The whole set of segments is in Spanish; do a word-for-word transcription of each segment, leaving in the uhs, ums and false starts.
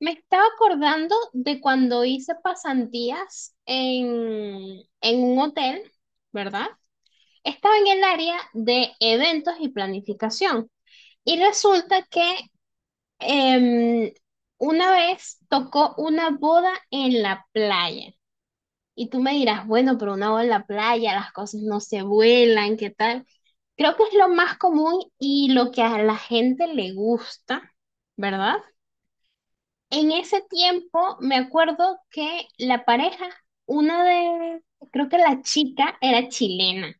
Me estaba acordando de cuando hice pasantías en, en un hotel, ¿verdad? Estaba en el área de eventos y planificación. Y resulta que em, una vez tocó una boda en la playa. Y tú me dirás, bueno, pero una boda en la playa, las cosas no se vuelan, ¿qué tal? Creo que es lo más común y lo que a la gente le gusta, ¿verdad? En ese tiempo me acuerdo que la pareja, una de, creo que la chica era chilena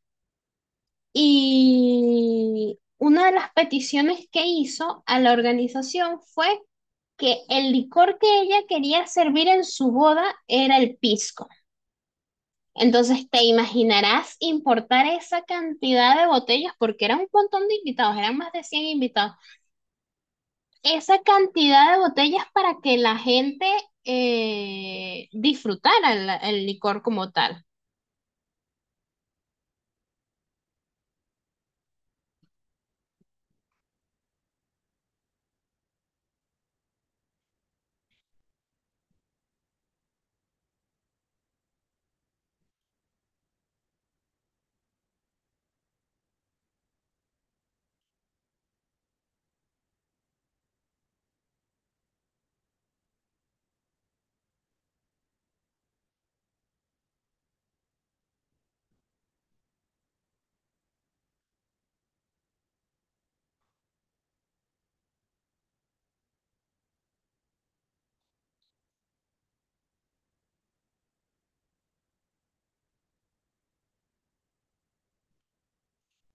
y una de las peticiones que hizo a la organización fue que el licor que ella quería servir en su boda era el pisco. Entonces te imaginarás importar esa cantidad de botellas porque era un montón de invitados, eran más de cien invitados. Esa cantidad de botellas para que la gente eh, disfrutara el, el licor como tal.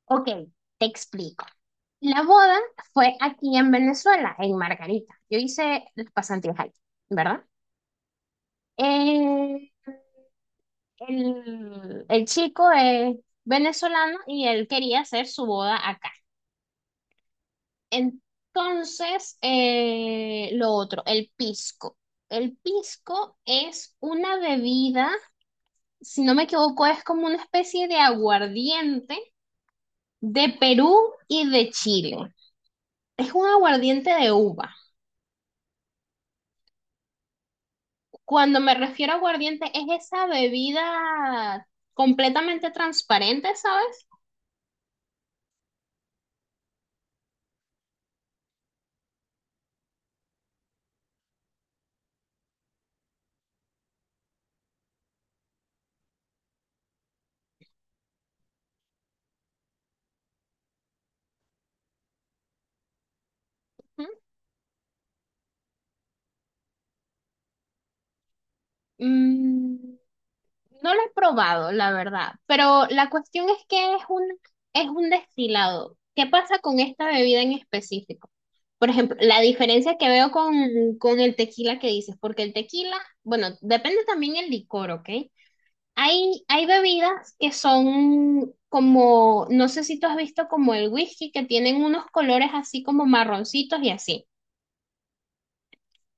Ok, te explico. La boda fue aquí en Venezuela, en Margarita. Yo hice las pasantías ahí, ¿verdad? Eh, el, el chico es venezolano y él quería hacer su boda acá. Entonces, eh, lo otro, el pisco. El pisco es una bebida, si no me equivoco, es como una especie de aguardiente de Perú y de Chile. Es un aguardiente de uva. Cuando me refiero a aguardiente, es esa bebida completamente transparente, ¿sabes? Mm, no lo he probado, la verdad, pero la cuestión es que es un, es un destilado. ¿Qué pasa con esta bebida en específico? Por ejemplo, la diferencia que veo con, con el tequila que dices, porque el tequila, bueno, depende también el licor, ¿ok? Hay, hay bebidas que son como, no sé si tú has visto, como el whisky, que tienen unos colores así como marroncitos y así.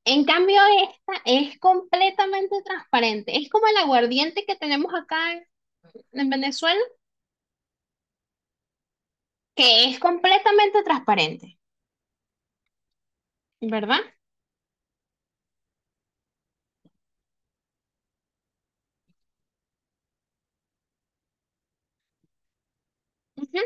En cambio, esta es completamente transparente. Es como el aguardiente que tenemos acá en, en Venezuela, que es completamente transparente, ¿verdad? Ujú.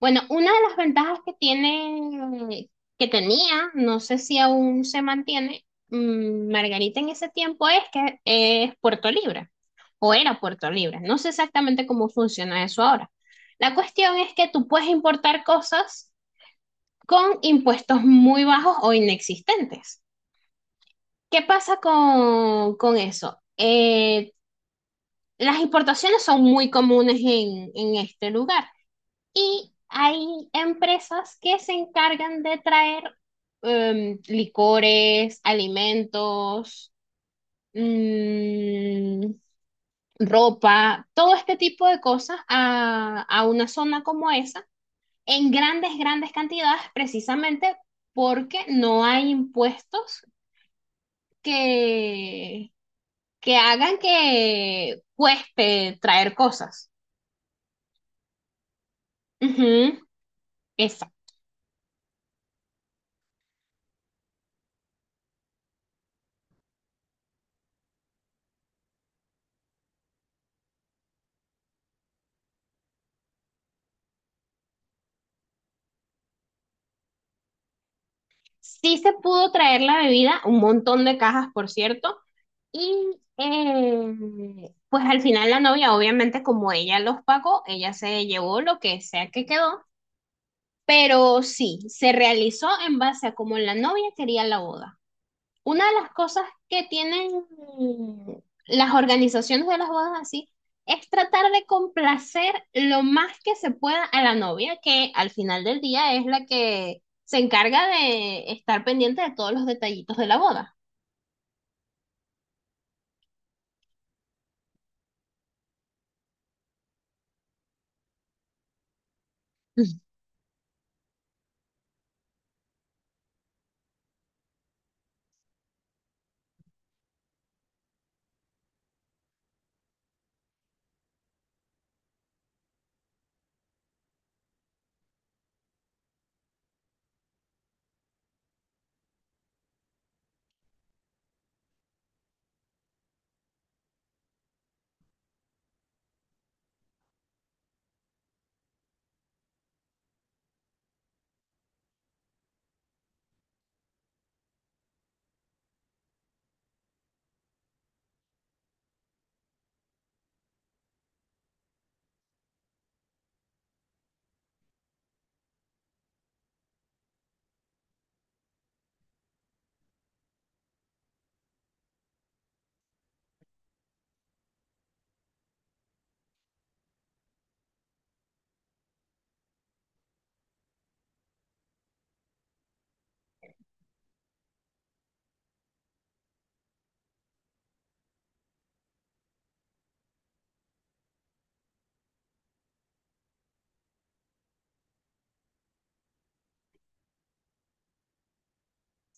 Bueno, una de las ventajas que tiene, que tenía, no sé si aún se mantiene, mm, Margarita en ese tiempo, es que es Puerto Libre, o era Puerto Libre. No sé exactamente cómo funciona eso ahora. La cuestión es que tú puedes importar cosas con impuestos muy bajos o inexistentes. ¿Qué pasa con, con eso? Eh, las importaciones son muy comunes en, en este lugar. Y hay empresas que se encargan de traer em, licores, alimentos, mm, ropa, todo este tipo de cosas a, a una zona como esa en grandes, grandes cantidades, precisamente porque no hay impuestos que, que hagan que cueste traer cosas. Ujú, exacto. Sí se pudo traer la bebida, un montón de cajas, por cierto, y eh, pues al final la novia, obviamente, como ella los pagó, ella se llevó lo que sea que quedó, pero sí, se realizó en base a como la novia quería la boda. Una de las cosas que tienen, mm, las organizaciones de las bodas así, es tratar de complacer lo más que se pueda a la novia, que al final del día es la que se encarga de estar pendiente de todos los detallitos de la boda.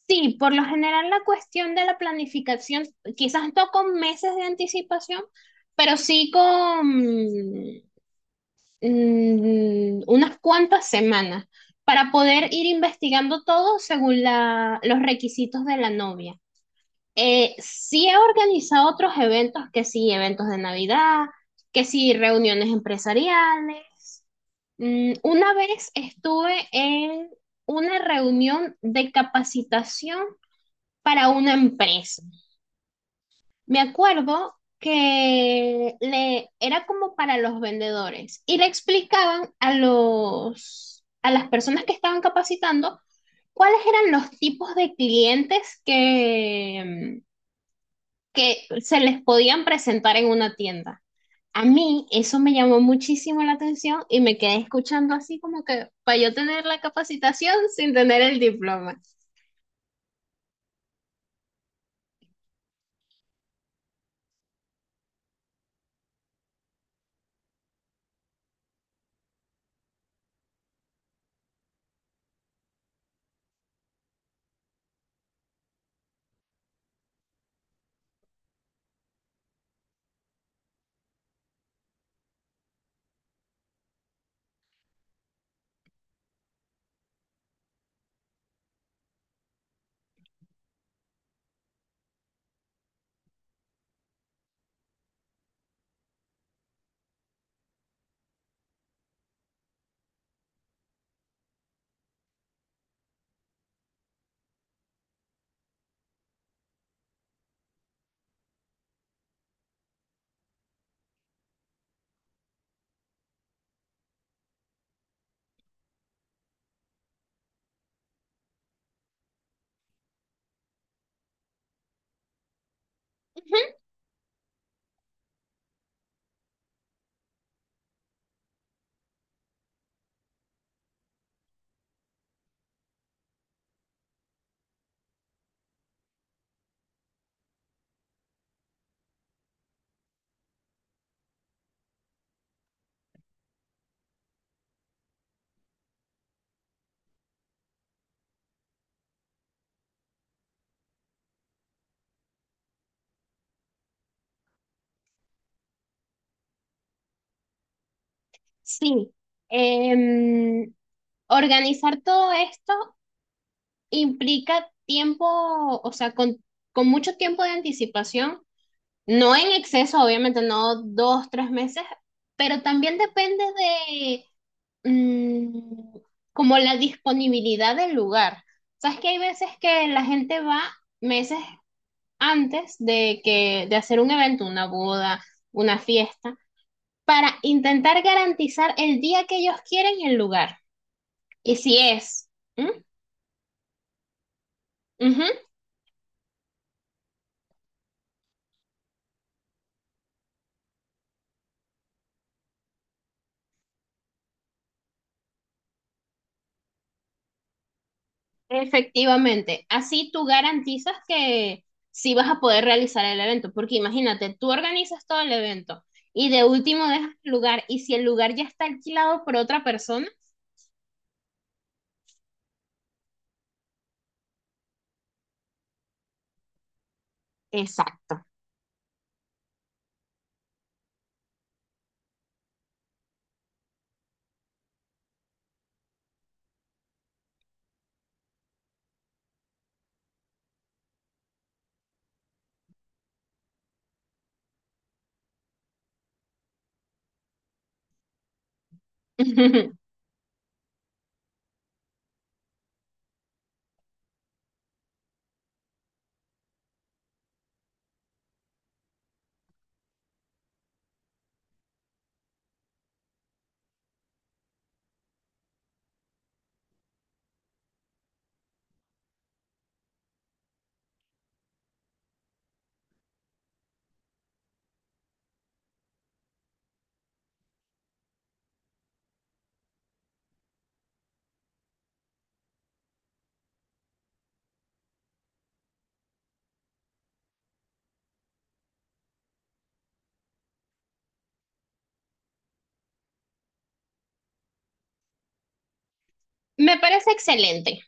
Sí, por lo general la cuestión de la planificación, quizás no con meses de anticipación, pero sí con mm, unas cuantas semanas, para poder ir investigando todo según la- los requisitos de la novia. Eh, sí he organizado otros eventos, que sí, eventos de Navidad, que sí, reuniones empresariales. Mm, una vez estuve en una reunión de capacitación para una empresa. Me acuerdo que le era como para los vendedores, y le explicaban a los a las personas que estaban capacitando cuáles eran los tipos de clientes que que se les podían presentar en una tienda. A mí eso me llamó muchísimo la atención y me quedé escuchando así como que para yo tener la capacitación sin tener el diploma. Ujú. Sí, em, organizar todo esto implica tiempo, o sea, con, con mucho tiempo de anticipación, no en exceso, obviamente, no dos, tres meses, pero también depende de mm, como la disponibilidad del lugar. Sabes que hay veces que la gente va meses antes de que de hacer un evento, una boda, una fiesta, para intentar garantizar el día que ellos quieren y el lugar. Y si es, ¿Mm? Ujú. Efectivamente, así tú garantizas que sí vas a poder realizar el evento, porque imagínate, tú organizas todo el evento y de último dejas el lugar, y si el lugar ya está alquilado por otra persona, exacto. Me parece excelente.